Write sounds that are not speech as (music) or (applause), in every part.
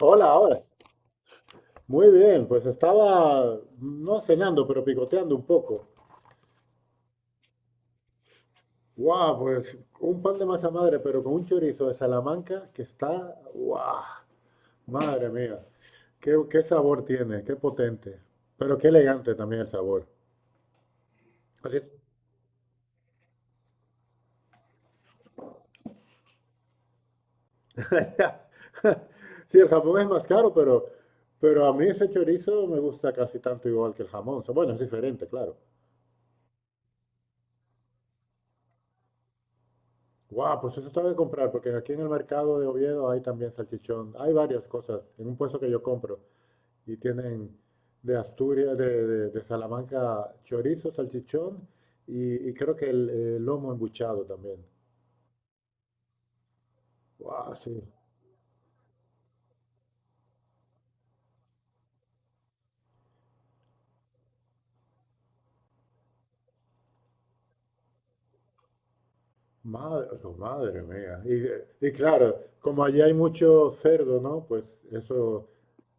Hola, hola. Muy bien, pues estaba no cenando, pero picoteando un poco. ¡Guau! Pues un pan de masa madre, pero con un chorizo de Salamanca que está. ¡Guau! Madre mía. Qué sabor tiene, qué potente. Pero qué elegante también el sabor. Así- (laughs) Sí, el jamón es más caro, pero a mí ese chorizo me gusta casi tanto igual que el jamón. O sea, bueno, es diferente, claro. Guau, pues eso tengo que comprar, porque aquí en el mercado de Oviedo hay también salchichón. Hay varias cosas en un puesto que yo compro. Y tienen de Asturias, de Salamanca, chorizo, salchichón y creo que el lomo embuchado también. Guau, sí. Madre, oh, madre mía. Y claro, como allí hay mucho cerdo, ¿no? Pues eso,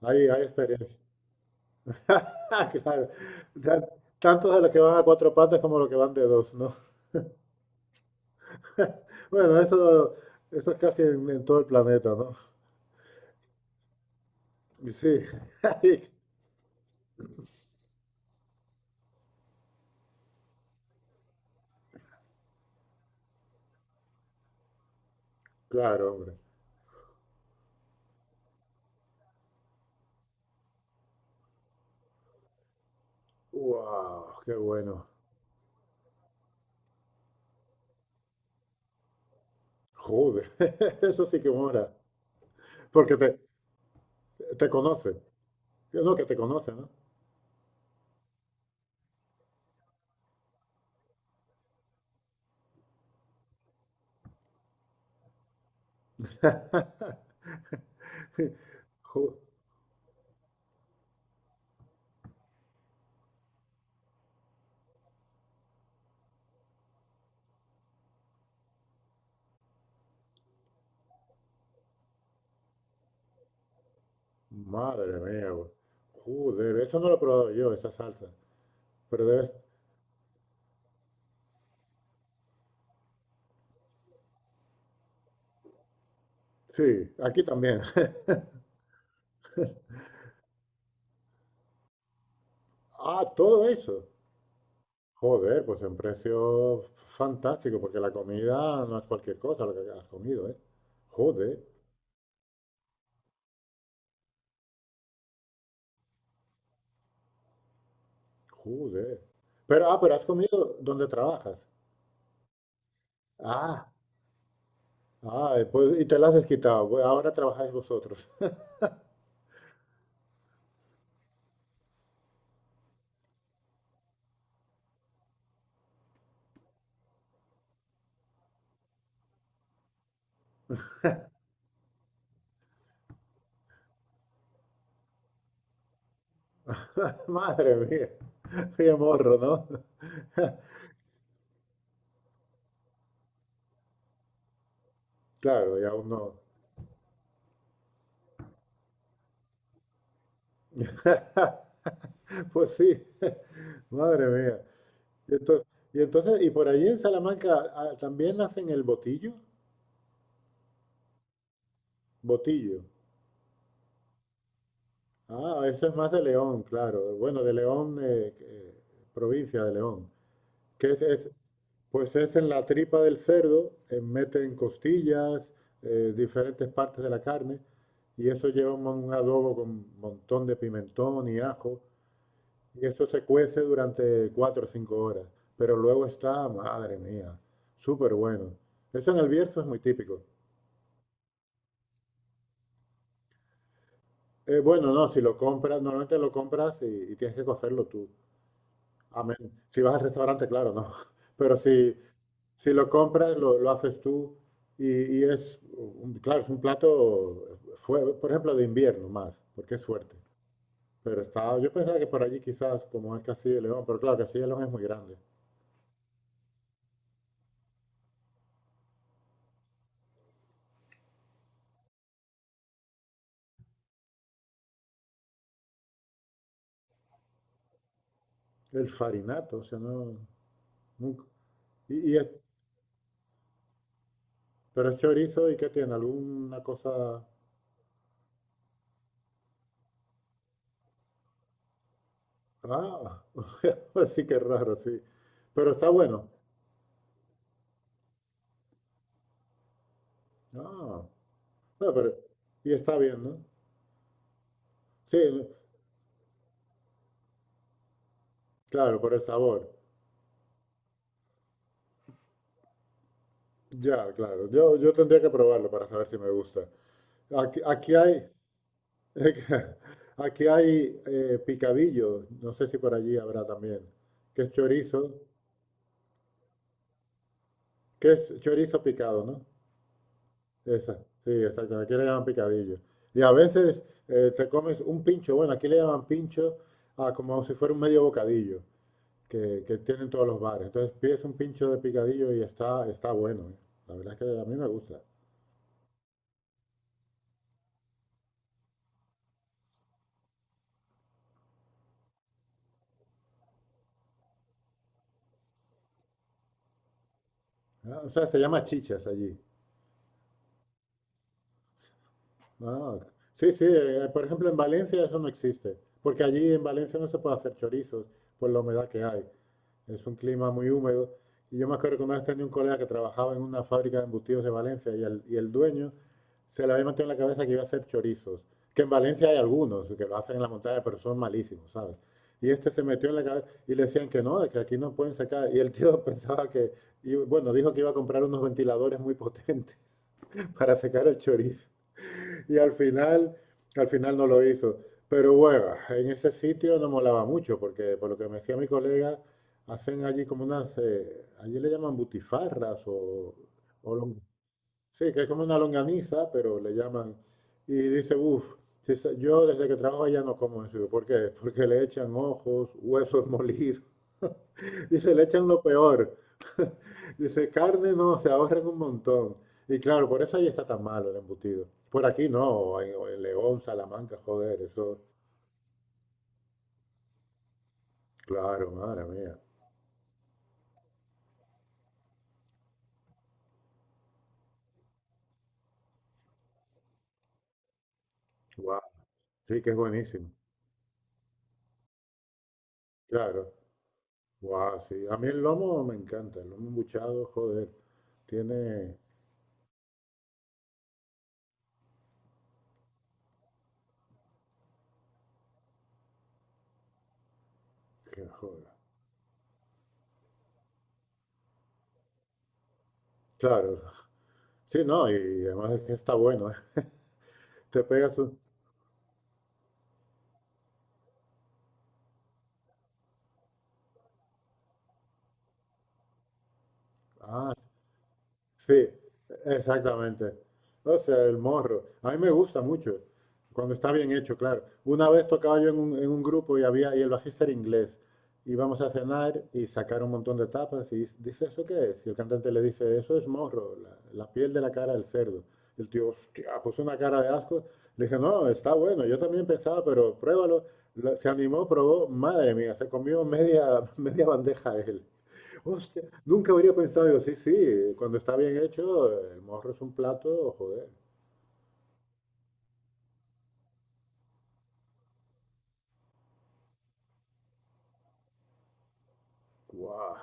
hay experiencia. (laughs) Claro. Tan- Tanto de los que van a cuatro patas como los que van de dos, ¿no? Bueno, eso es casi en todo el planeta, ¿no? Y sí, (laughs) claro, hombre. ¡Wow! ¡Qué bueno! ¡Joder! (laughs) Eso sí que mola. Porque te, te conoce. No, que te conoce, ¿no? (laughs) Ju- Madre mía, güey. Joder, eso no lo he probado yo, esa salsa. Pero debes... Sí, aquí también. (laughs) Ah, todo eso. Joder, pues en precio fantástico, porque la comida no es cualquier cosa lo que has comido, ¿eh? Joder. Joder. Pero, ah, pero has comido donde trabajas. Ah, ah, y pues, y te las has quitado. Bueno, ahora trabajáis vosotros. (laughs) Madre mía, qué morro, ¿no? Claro, ya uno. (laughs) Pues sí, (laughs) madre mía. Y entonces, y entonces, y por allí en Salamanca ah, también hacen el botillo, botillo. Ah, eso es más de León, claro. Bueno, de León, provincia de León. Que es, es- Pues es en la tripa del cerdo, meten costillas, diferentes partes de la carne, y eso lleva un adobo con un montón de pimentón y ajo, y eso se cuece durante cuatro o cinco horas, pero luego está, madre mía, súper bueno. Eso en el Bierzo es muy típico. Bueno, no, si lo compras, normalmente lo compras y tienes que cocerlo tú. Amén. Si vas al restaurante, claro, no. (laughs) Pero si, si lo compras, lo haces tú y, y es, claro, es un plato, fue, por ejemplo, de invierno más, porque es fuerte. Pero está, yo pensaba que por allí quizás, como es Castilla y León, pero claro, Castilla y León es muy grande. El farinato, o sea, no, nunca. Y, pero es chorizo y ¿qué tiene? ¿Alguna cosa? Ah, (laughs) o sea, sí que es raro, sí. Pero está bueno. Ah, bueno, pero, y está bien, ¿no? Sí, claro, por el sabor. Ya, claro. Yo tendría que probarlo para saber si me gusta. Aquí, aquí hay, (laughs) aquí hay picadillo. No sé si por allí habrá también. Que es chorizo, que es chorizo picado, ¿no? Esa, sí, exacto. Aquí le llaman picadillo. Y a veces te comes un pincho. Bueno, aquí le llaman pincho a como si fuera un medio bocadillo que tienen todos los bares. Entonces pides un pincho de picadillo y está, está bueno. ¿Eh? La verdad es que a mí me gusta. Ah, o sea, se llama chichas allí. Ah, sí, sí, por ejemplo en Valencia eso no existe, porque allí en Valencia no se puede hacer chorizos por la humedad que hay. Es un clima muy húmedo. Y yo me acuerdo que una vez tenía un colega que trabajaba en una fábrica de embutidos de Valencia y el dueño se le había metido en la cabeza que iba a hacer chorizos, que en Valencia hay algunos que lo hacen en la montaña, pero son malísimos, ¿sabes? Y este se metió en la cabeza y le decían que no, de que aquí no pueden sacar. Y el tío (laughs) pensaba que, y bueno, dijo que iba a comprar unos ventiladores muy potentes (laughs) para secar el chorizo. Y al final no lo hizo. Pero bueno, en ese sitio no molaba mucho, porque por lo que me decía mi colega, hacen allí como unas, allí le llaman butifarras o, o lon- sí, que es como una longaniza, pero le llaman. Y dice, uff, yo desde que trabajo allá no como eso. Digo, ¿por qué? Porque le echan ojos, huesos molidos. (laughs) Dice, le echan lo peor. Dice, carne no, se ahorran un montón. Y claro, por eso ahí está tan malo el embutido. Por aquí no, o en León, Salamanca, joder, eso, claro, madre mía. Guau, sí que es buenísimo. Claro, guau, sí. A mí el lomo me encanta, el lomo embuchado, joder, tiene, que joder. Claro, sí, no, y además es que está bueno, ¿eh? Te pegas un, ah, sí, exactamente. O sea, el morro. A mí me gusta mucho, cuando está bien hecho, claro. Una vez tocaba yo en un grupo y había, y el bajista era inglés. Íbamos a cenar y sacar un montón de tapas y dice, ¿eso qué es? Y el cantante le dice, eso es morro, la piel de la cara del cerdo. El tío, hostia, puso una cara de asco. Le dije, no, está bueno, yo también pensaba, pero pruébalo. Se animó, probó, madre mía, se comió media, (laughs) media bandeja él. Hostia, nunca habría pensado yo, sí, sí, cuando está bien hecho, el morro es un plato, joder, guau,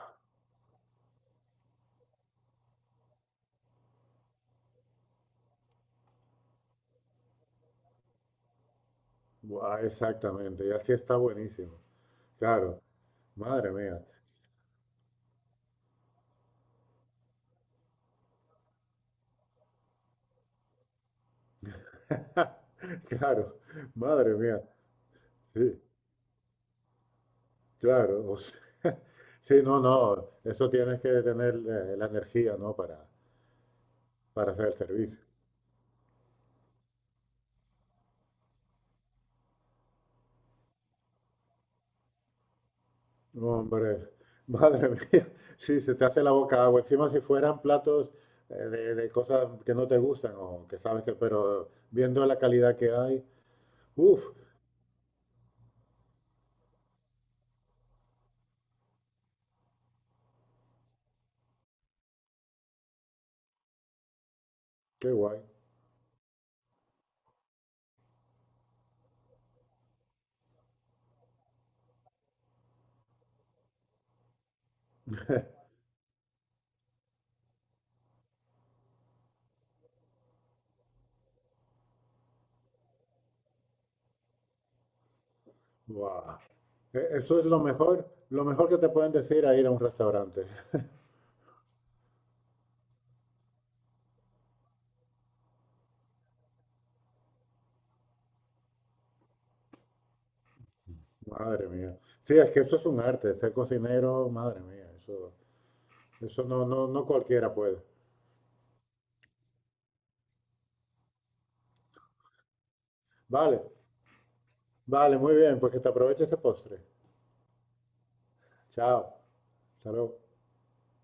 guau, exactamente, y así está buenísimo, claro, madre mía, (laughs) claro, madre mía, sí, claro, o sea, (laughs) sí, no, no, eso tienes que tener la energía, ¿no? Para hacer el servicio. Hombre, (laughs) madre mía, sí, se te hace la boca agua. Encima si fueran platos de cosas que no te gustan o que sabes que, pero viendo la calidad que hay, uff, qué guay. Guau. Eso es lo mejor que te pueden decir a ir a un restaurante. Madre mía. Sí, es que eso es un arte, ser cocinero, madre mía, eso no, no, no cualquiera puede. Vale, vale, muy bien, pues que te aproveche ese postre. Chao, hasta luego.